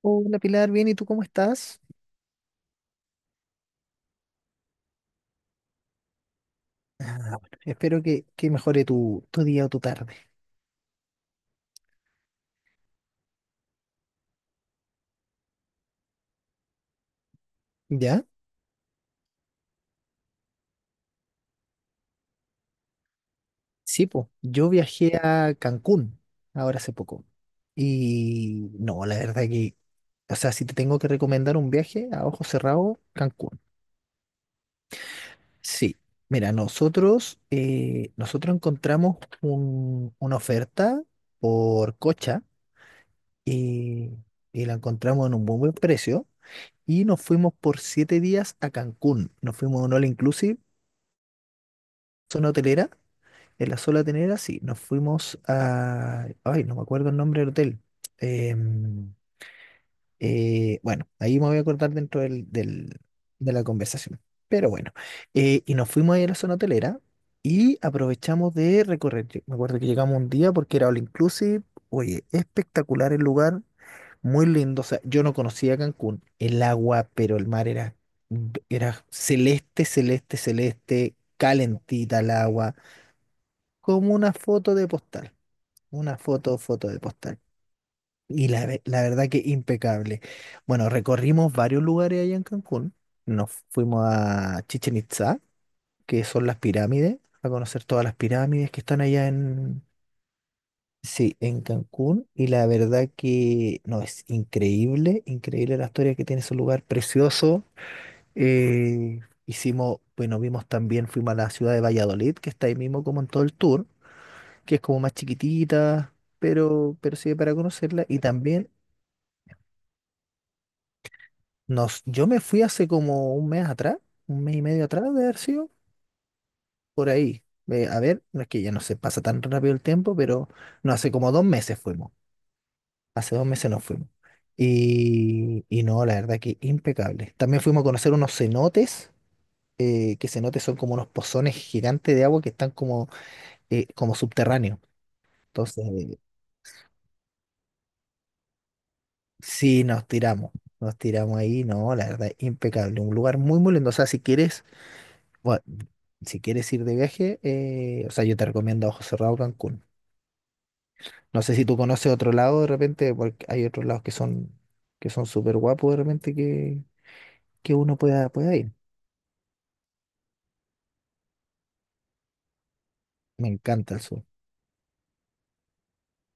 Hola Pilar, bien, ¿y tú cómo estás? Ah, bueno, espero que mejore tu día o tu tarde. ¿Ya? Sí, pues, yo viajé a Cancún ahora hace poco. Y no, la verdad que, o sea, si te tengo que recomendar un viaje a ojo cerrado, Cancún. Sí, mira, nosotros encontramos una oferta por Cocha y, y la encontramos en un muy buen precio. Y nos fuimos por 7 días a Cancún. Nos fuimos a un all inclusive zona hotelera, en la zona hotelera, sí, nos fuimos a, ay, no me acuerdo el nombre del hotel. Em, bueno, ahí me voy a acordar dentro de la conversación. Pero bueno, y nos fuimos ahí a la zona hotelera y aprovechamos de recorrer. Yo me acuerdo que llegamos un día porque era all inclusive. Oye, espectacular el lugar, muy lindo. O sea, yo no conocía Cancún, el agua, pero el mar era celeste, celeste, celeste, calentita el agua como una foto de postal, una foto de postal. Y la verdad que impecable. Bueno, recorrimos varios lugares allá en Cancún. Nos fuimos a Chichen Itzá, que son las pirámides, a conocer todas las pirámides que están allá en, sí, en Cancún. Y la verdad que no, es increíble, increíble la historia que tiene ese lugar, precioso. Eh, Hicimos, bueno, vimos también, fuimos a la ciudad de Valladolid, que está ahí mismo como en todo el tour. Que es como más chiquitita, pero sirve para conocerla. Y también yo me fui hace como un mes atrás, un mes y medio atrás de haber sido, por ahí. A ver, no es que ya no se pasa tan rápido el tiempo, pero no, hace como 2 meses fuimos. Hace 2 meses nos fuimos. Y no, la verdad que impecable. También fuimos a conocer unos cenotes, que cenotes son como unos pozones gigantes de agua que están como, como subterráneos. Entonces, sí, nos tiramos ahí, no, la verdad, impecable, un lugar muy, muy lindo, o sea, si quieres, bueno, si quieres ir de viaje, o sea, yo te recomiendo a ojos cerrados Cancún. No sé si tú conoces otro lado de repente, porque hay otros lados que son súper guapos de repente que uno pueda ir. Me encanta el sur,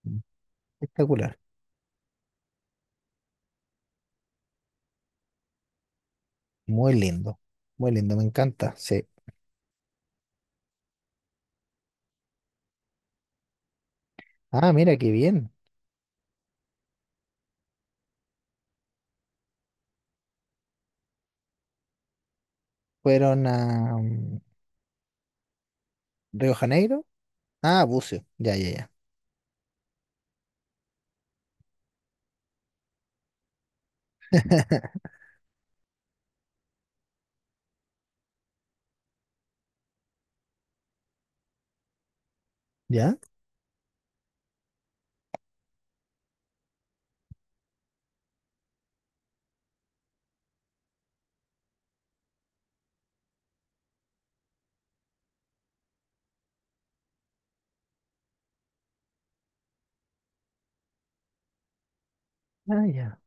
mm, espectacular, muy lindo, muy lindo, me encanta, sí. Ah, mira, qué bien, fueron a Río Janeiro, ah, Bucio, ya, ya, ya. ¿Ya? Ah, ya.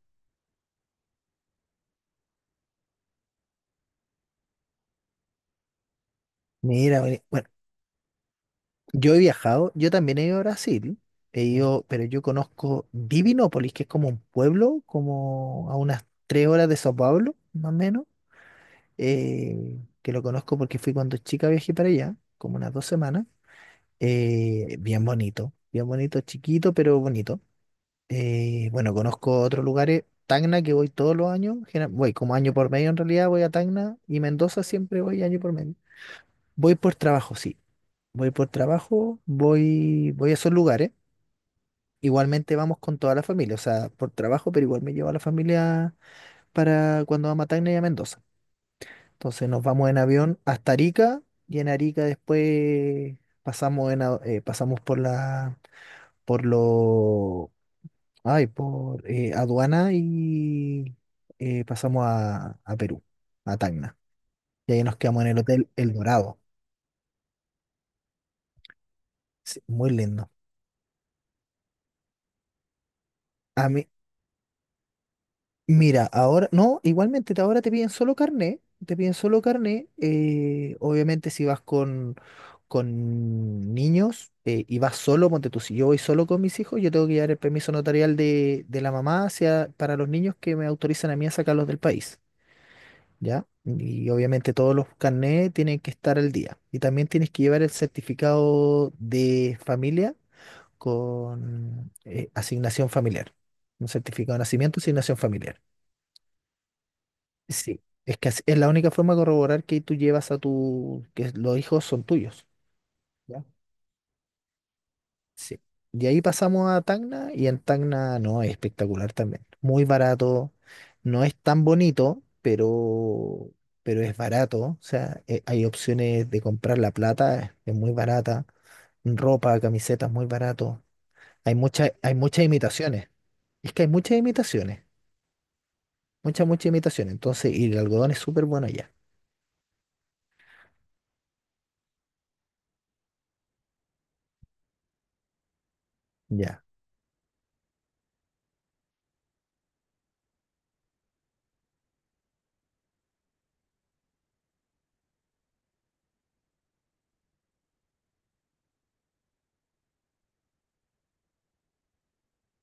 Mira, bueno, bueno, yo he viajado, yo también he ido a Brasil, he ido, pero yo conozco Divinópolis, que es como un pueblo, como a unas 3 horas de Sao Paulo, más o menos, que lo conozco porque fui cuando chica viajé para allá, como unas 2 semanas, bien bonito, chiquito, pero bonito. Bueno, conozco otros lugares, Tacna, que voy todos los años, voy como año por medio en realidad, voy a Tacna y Mendoza siempre voy año por medio. Voy por trabajo, sí. Voy por trabajo, voy a esos lugares. Igualmente vamos con toda la familia, o sea, por trabajo, pero igual me llevo a la familia para cuando vamos a Tacna y a Mendoza. Entonces nos vamos en avión hasta Arica y en Arica después pasamos pasamos por la por lo ay, por aduana y pasamos a Perú, a Tacna. Y ahí nos quedamos en el Hotel El Dorado. Sí, muy lindo. Mira, ahora, no, igualmente ahora te piden solo carné, te piden solo carné, obviamente si vas con niños y vas solo, ponte tú, si yo voy solo con mis hijos, yo tengo que llevar el permiso notarial de la mamá hacia, para los niños que me autorizan a mí a sacarlos del país, ¿ya? Y obviamente todos los carnés tienen que estar al día. Y también tienes que llevar el certificado de familia con asignación familiar, un certificado de nacimiento, asignación familiar. Sí, es que es la única forma de corroborar que tú llevas que los hijos son tuyos. ¿Ya? Sí. De ahí pasamos a Tacna y en Tacna no, es espectacular también. Muy barato, no es tan bonito, pero es barato. O sea, hay opciones de comprar la plata, es muy barata. Ropa, camisetas, muy barato. Hay muchas imitaciones. Es que hay muchas imitaciones, muchas, muchas imitaciones. Entonces, y el algodón es súper bueno allá. Ya.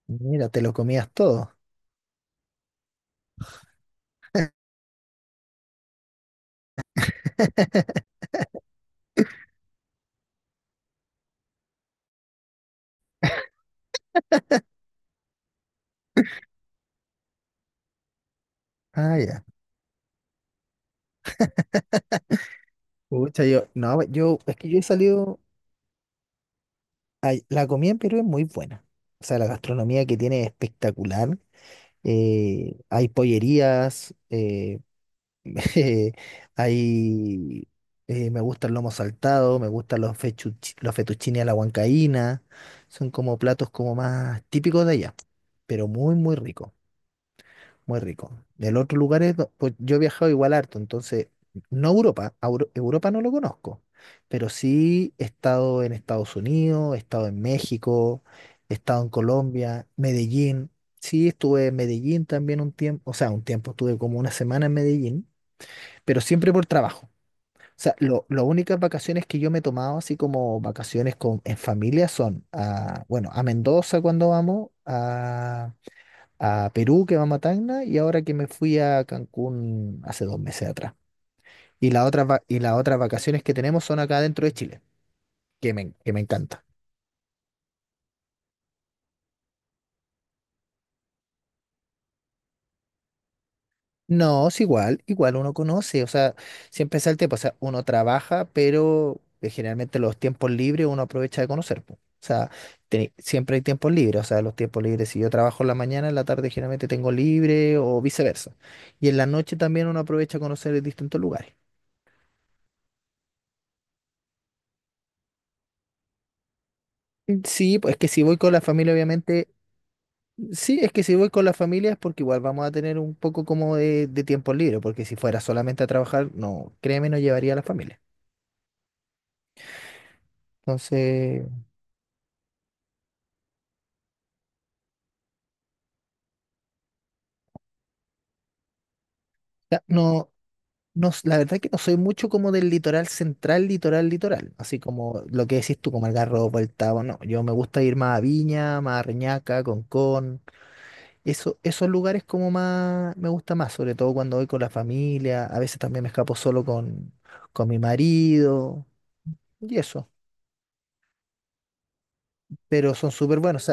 Mira, te lo comías todo. Ah, ya. Pucha, yo, no, pues, yo, es que yo he salido, la comida en Perú es muy buena. O sea, la gastronomía que tiene es espectacular. Hay pollerías, eh, hay, me gusta el lomo saltado, me gustan los fettuccine a la huancaína. Son como platos como más típicos de allá, pero muy, muy ricos. Muy rico. El otro lugar pues yo he viajado igual harto, entonces, no Europa, a Europa no lo conozco, pero sí he estado en Estados Unidos, he estado en México, he estado en Colombia, Medellín, sí estuve en Medellín también un tiempo, o sea, un tiempo estuve como una semana en Medellín, pero siempre por trabajo. O sea, las únicas vacaciones que yo me he tomado, así como vacaciones en familia, son a, bueno, a Mendoza cuando vamos, a Perú, que va a Matacna, y ahora que me fui a Cancún hace 2 meses atrás. Y las otras las otras vacaciones que tenemos son acá dentro de Chile, que me encanta. No, es igual, igual uno conoce, o sea, siempre es el tiempo, o sea, uno trabaja, pero generalmente los tiempos libres uno aprovecha de conocer, po. O sea, siempre hay tiempos libres, o sea, los tiempos libres, si yo trabajo en la mañana, en la tarde generalmente tengo libre o viceversa. Y en la noche también uno aprovecha a conocer distintos lugares. Mm, sí, pues es que si voy con la familia, obviamente. Sí, es que si voy con la familia es porque igual vamos a tener un poco como de tiempo libre, porque si fuera solamente a trabajar, no, créeme, no llevaría a la familia. Entonces, ya, no, no, la verdad que no soy mucho como del litoral central, litoral, litoral, así como lo que decís tú, como el Garrobo, el Tabo, no, yo me gusta ir más a Viña, más a Reñaca, Concón, eso, esos lugares como más, me gusta más, sobre todo cuando voy con la familia, a veces también me escapo solo con mi marido y eso, pero son súper buenos.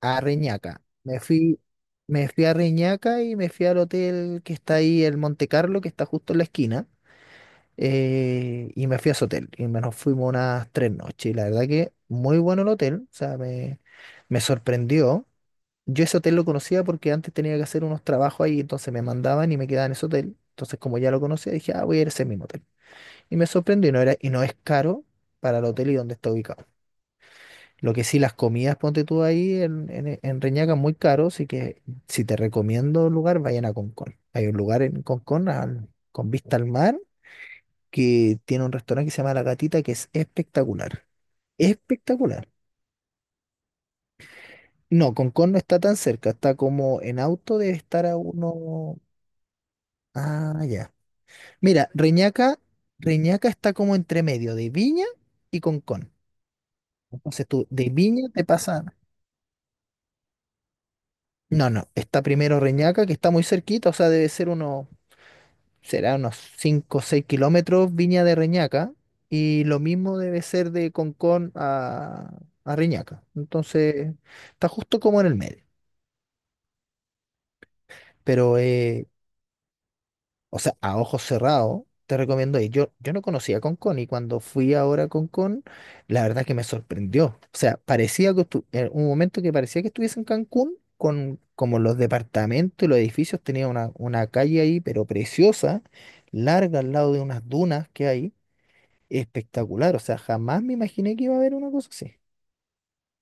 A Reñaca. Me fui a Reñaca y me fui al hotel que está ahí, el Monte Carlo, que está justo en la esquina. Y me fui a ese hotel. Y me nos fuimos unas 3 noches. Y la verdad que muy bueno el hotel. O sea, me sorprendió. Yo ese hotel lo conocía porque antes tenía que hacer unos trabajos ahí, entonces me mandaban y me quedaba en ese hotel. Entonces, como ya lo conocía, dije, ah, voy a ir a ese mismo hotel. Y me sorprendió y no era, y no es caro para el hotel y donde está ubicado. Lo que sí, las comidas, ponte tú ahí en Reñaca, muy caro, así que si te recomiendo un lugar, vayan a Concón. Hay un lugar en Concón con vista al mar que tiene un restaurante que se llama La Gatita que es espectacular. Espectacular. No, Concón no está tan cerca, está como en auto debe estar a uno. Ah, ya. Mira, Reñaca está como entre medio de Viña y Concón. Entonces tú de Viña te pasas. No, no, está primero Reñaca, que está muy cerquita, o sea, debe ser unos será unos 5 o 6 kilómetros Viña de Reñaca y lo mismo debe ser de Concón a Reñaca. Entonces, está justo como en el medio. Pero, o sea, a ojos cerrados, te recomiendo ir. Yo no conocía Concón y cuando fui ahora a Concón, la verdad que me sorprendió. O sea, en un momento que parecía que estuviese en Cancún. Como los departamentos y los edificios, tenía una calle ahí, pero preciosa, larga al lado de unas dunas que hay. Espectacular, o sea, jamás me imaginé que iba a haber una cosa así,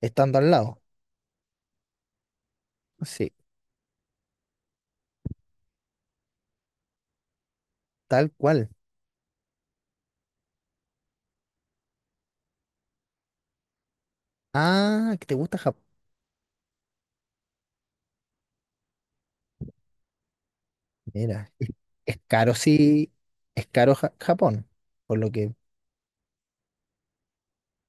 estando al lado. Sí, tal cual. Ah, que te gusta Japón. Mira, es caro, sí, es caro Japón, por lo que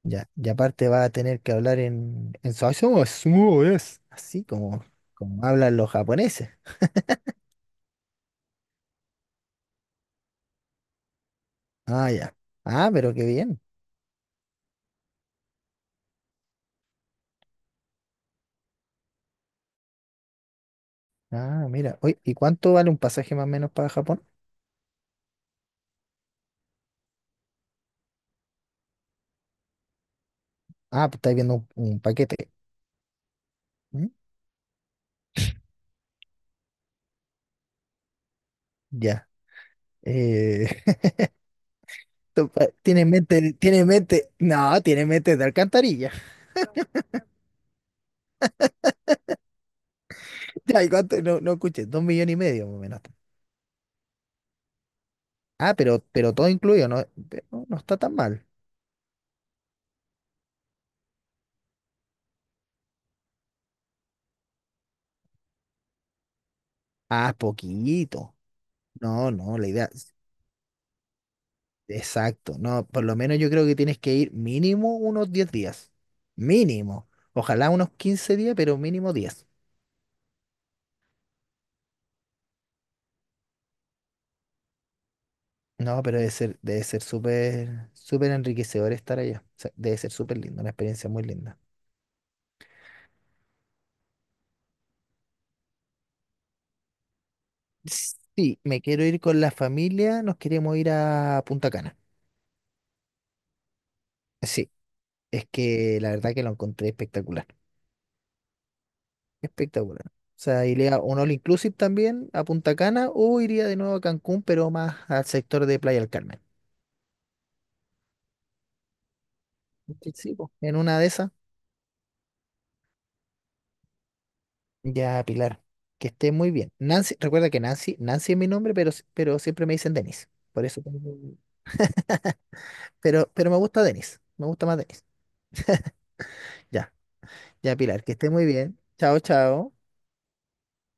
ya, y aparte va a tener que hablar en su eso es "Sumo es", así como hablan los japoneses. Ah, ya. Ah, pero qué bien. Ah, mira. Oye, ¿y cuánto vale un pasaje más o menos para Japón? Ah, pues estáis viendo un paquete. ¿Mm? Ya. Eh, tiene mente, no, tiene mente de alcantarilla. Ya, ¿y cuánto? No, no escuché, 2,5 millones más o menos. Ah, pero todo incluido, no, no, no está tan mal. Ah, poquito. No, no, la idea, exacto. No, por lo menos yo creo que tienes que ir mínimo unos 10 días. Mínimo. Ojalá unos 15 días, pero mínimo 10. No, pero debe ser súper, súper enriquecedor estar allá. O sea, debe ser súper lindo, una experiencia muy linda. Sí, me quiero ir con la familia, nos queremos ir a Punta Cana. Sí, es que la verdad que lo encontré espectacular, espectacular. O sea, iría a un all inclusive también a Punta Cana o iría de nuevo a Cancún, pero más al sector de Playa del Carmen. Sí, sí, po. En una de esas, ya Pilar, que esté muy bien. Recuerda que Nancy es mi nombre, pero, si- pero siempre me dicen Denis. Por eso, tengo-. Pero me gusta Denis, me gusta más Denis. Ya, ya Pilar, que esté muy bien. Chao, chao.